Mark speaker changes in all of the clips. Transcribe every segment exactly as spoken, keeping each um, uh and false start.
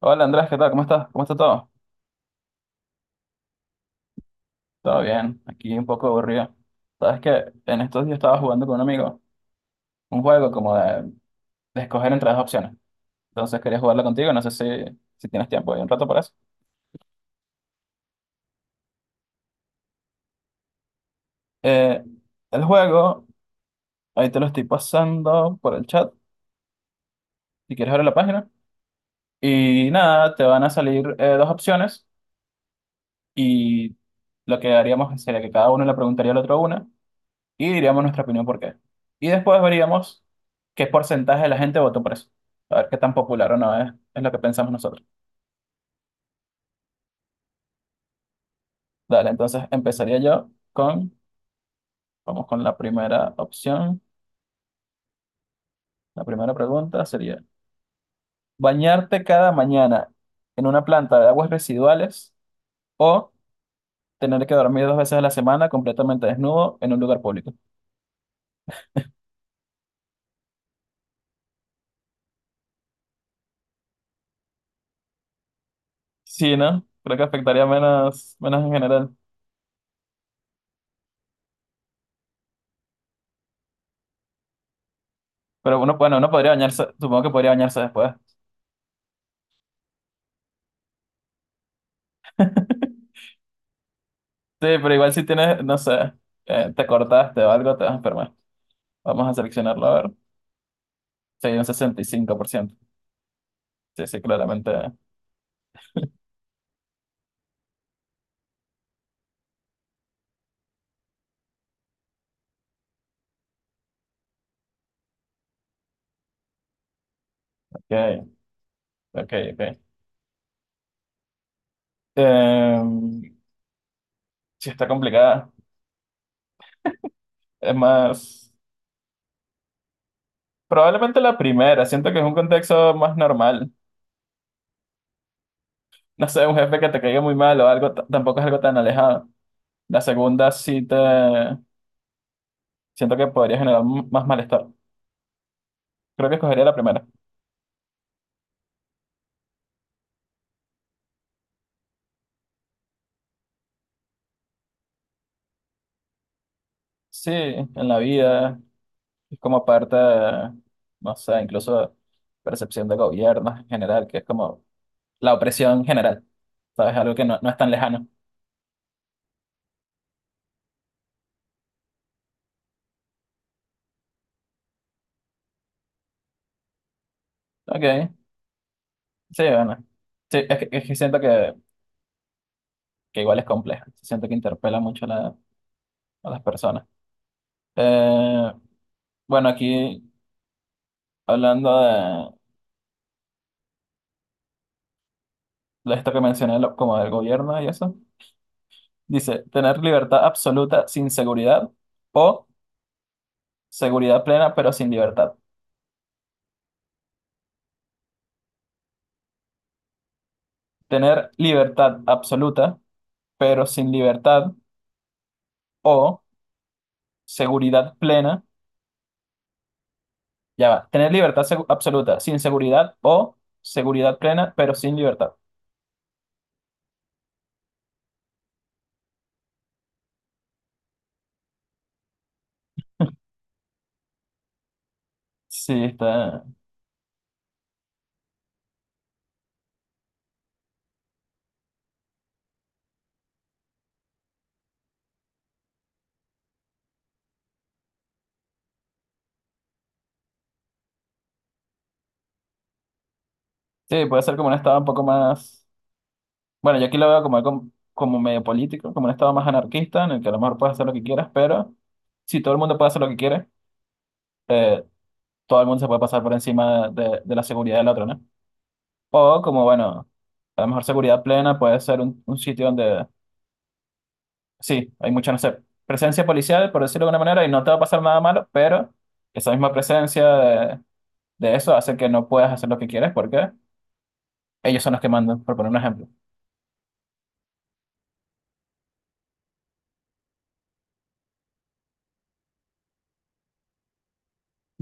Speaker 1: Hola Andrés, ¿qué tal? ¿Cómo estás? ¿Cómo está todo? Todo bien, aquí un poco aburrido. Sabes que en estos días estaba jugando con un amigo un juego como de, de escoger entre dos opciones. Entonces quería jugarlo contigo, no sé si, si tienes tiempo y un rato para eso. Eh, el juego, ahí te lo estoy pasando por el chat, si quieres ver la página. Y nada, te van a salir eh, dos opciones y lo que haríamos sería que cada uno le preguntaría al otro una. Y diríamos nuestra opinión por qué. Y después veríamos qué porcentaje de la gente votó por eso. A ver qué tan popular o no es, es lo que pensamos nosotros. Dale, entonces empezaría yo con, vamos con la primera opción. La primera pregunta sería, ¿bañarte cada mañana en una planta de aguas residuales o tener que dormir dos veces a la semana completamente desnudo en un lugar público? Sí, ¿no? Creo que afectaría menos, menos en general. Pero uno, bueno, uno podría bañarse, supongo que podría bañarse después. Sí, pero igual si tienes, no sé, eh, te cortaste o algo, te vas a enfermar. Vamos a seleccionarlo, a ver. Sí, un sesenta y cinco por ciento. Sí, sí, claramente. Ok, ok, ok. Em, sí, está complicada. Es más, probablemente la primera. Siento que es un contexto más normal. No sé, un jefe que te caiga muy mal o algo, t- tampoco es algo tan alejado. La segunda sí te... Siento que podría generar m- más malestar. Creo que escogería la primera. Sí, en la vida. Es como parte, no sé, incluso percepción de gobierno en general, que es como la opresión general, ¿sabes? Algo que no, no es tan lejano. Ok, sí, bueno. Sí, es que, es que siento que, que igual es complejo. Siento que interpela mucho a, la- a las personas. Eh, bueno, aquí hablando de, de esto que mencioné, lo- como del gobierno y eso, dice, tener libertad absoluta sin seguridad o seguridad plena pero sin libertad. Tener libertad absoluta pero sin libertad. O seguridad plena, ya va, tener libertad segu- absoluta sin seguridad o seguridad plena pero sin libertad. Sí, está. Sí, puede ser como un estado un poco más. Bueno, yo aquí lo veo como, algo- como, medio político, como un estado más anarquista en el que a lo mejor puedes hacer lo que quieras, pero si todo el mundo puede hacer lo que quiere, eh, todo el mundo se puede pasar por encima de, de la seguridad del otro, ¿no? O como, bueno, a lo mejor seguridad plena puede ser un, un sitio donde, sí, hay mucha, no sé, presencia policial, por decirlo de alguna manera, y no te va a pasar nada malo, pero esa misma presencia de eso hace que no puedas hacer lo que quieres porque ellos son los que mandan, por poner un ejemplo.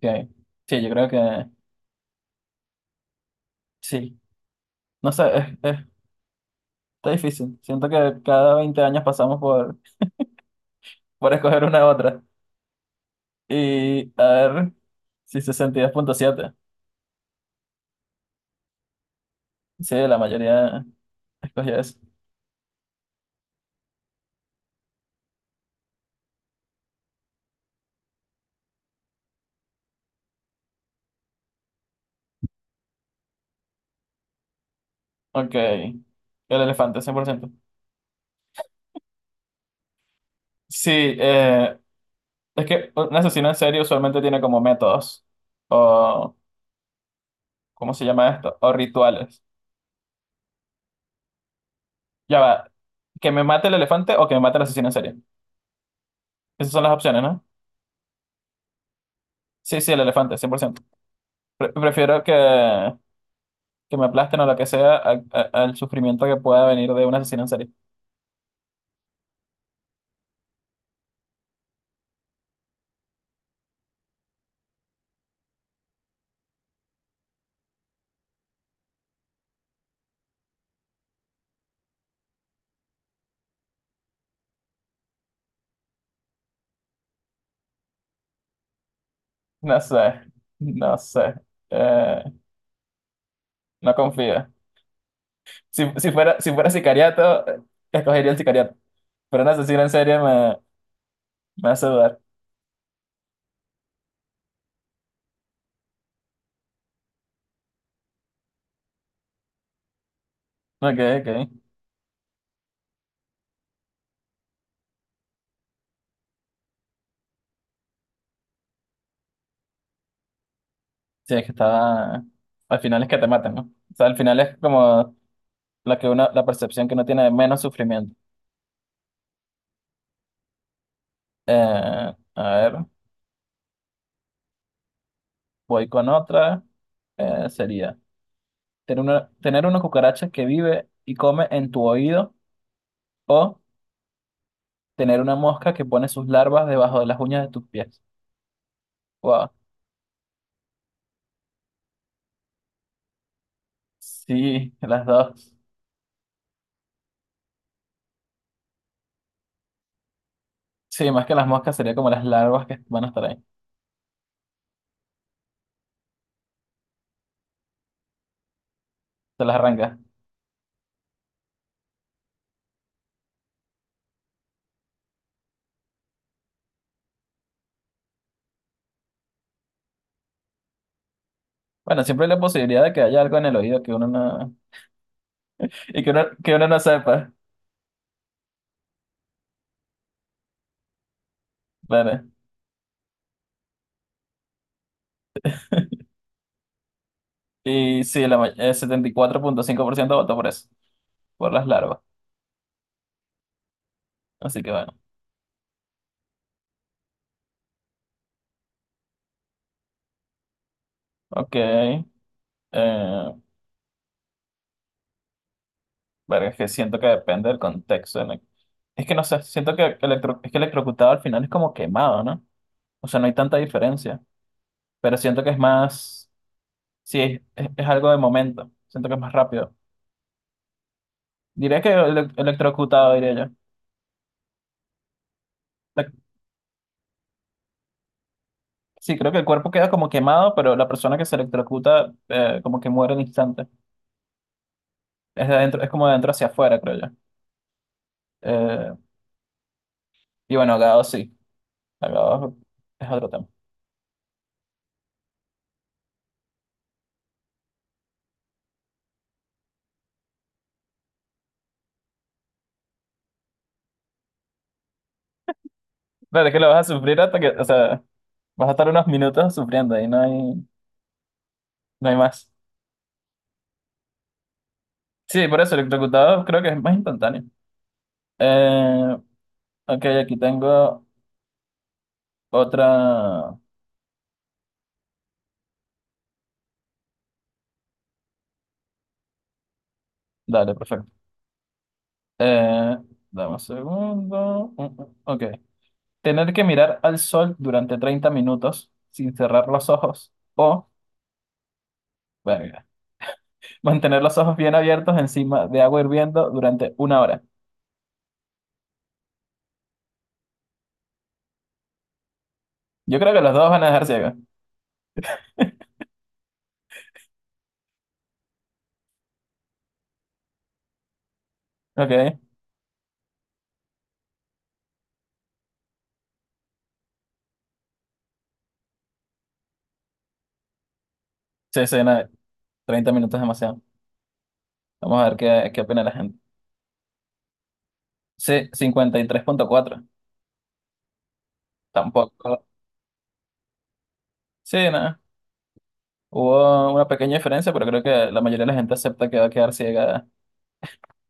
Speaker 1: Sí, sí, yo creo que sí. No sé, es- es- está difícil. Siento que cada veinte años pasamos por, por escoger una u otra. Y a ver, si sesenta y dos punto siete. Sí, la mayoría escogió eso. Ok, el elefante, cien por ciento. Sí, eh, es que un asesino en serie usualmente tiene como métodos o, ¿cómo se llama esto? O rituales. Ya va, que me mate el elefante o que me mate el asesino en serie. Esas son las opciones, ¿no? Sí, sí, el elefante, cien por ciento. Pre- prefiero que, que me aplasten o lo que sea a- a- al sufrimiento que pueda venir de un asesino en serie. No sé, no sé. Eh, no confío. Si, si fuera, si fuera sicariato, eh, escogería el sicariato. Pero un asesino en serie me, me hace dudar. Ok, ok. Sí, es que estaba... Al final es que te matan, ¿no? O sea, al final es como la que uno, la percepción que uno tiene de menos sufrimiento. Eh, a ver, voy con otra. Eh, sería... Tener una, tener una cucaracha que vive y come en tu oído o tener una mosca que pone sus larvas debajo de las uñas de tus pies. Wow. Sí, las dos. Sí, más que las moscas sería como las larvas que van a estar ahí. Se las arrancas. Bueno, siempre hay la posibilidad de que haya algo en el oído que uno no, y que uno, que uno no sepa. Claro. Y sí, la, ma- el setenta y cuatro punto cinco por ciento votó por eso, por las larvas. Así que bueno. Ok. Eh, Verga, es que siento que depende del contexto. en el- Es que no sé, siento que electro... es que electrocutado al final es como quemado, ¿no? O sea, no hay tanta diferencia, pero siento que es más, sí, es, es- es algo de momento, siento que es más rápido. Diría que ele- electrocutado, diría yo. La- Sí, creo que el cuerpo queda como quemado, pero la persona que se electrocuta eh, como que muere al instante. Es de adentro, es como de adentro hacia afuera, creo yo. Eh, y bueno, ahogado sí, ahogado es otro tema. Claro, es que lo vas a sufrir hasta que, o sea, vas a estar unos minutos sufriendo y no hay... No hay más. Sí, por eso electrocutado creo que es más instantáneo. Eh, ok, aquí tengo otra. Dale, perfecto. Eh, Dame un segundo. Mm, mm, Ok. Tener que mirar al sol durante treinta minutos sin cerrar los ojos o, verga, mantener los ojos bien abiertos encima de agua hirviendo durante una hora. Yo creo que los dos van a dejar ciegos. Ok. Sí, sí, nada, treinta minutos es demasiado. Vamos a ver qué, qué opina la gente. Sí, cincuenta y tres punto cuatro. Tampoco. Sí, no. Hubo una pequeña diferencia, pero creo que la mayoría de la gente acepta que va a quedar ciega,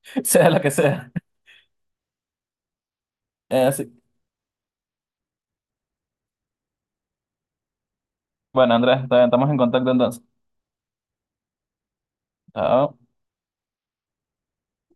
Speaker 1: sea la que sea. Eh, sí. Bueno, Andrés, está bien, estamos en contacto entonces. Chao.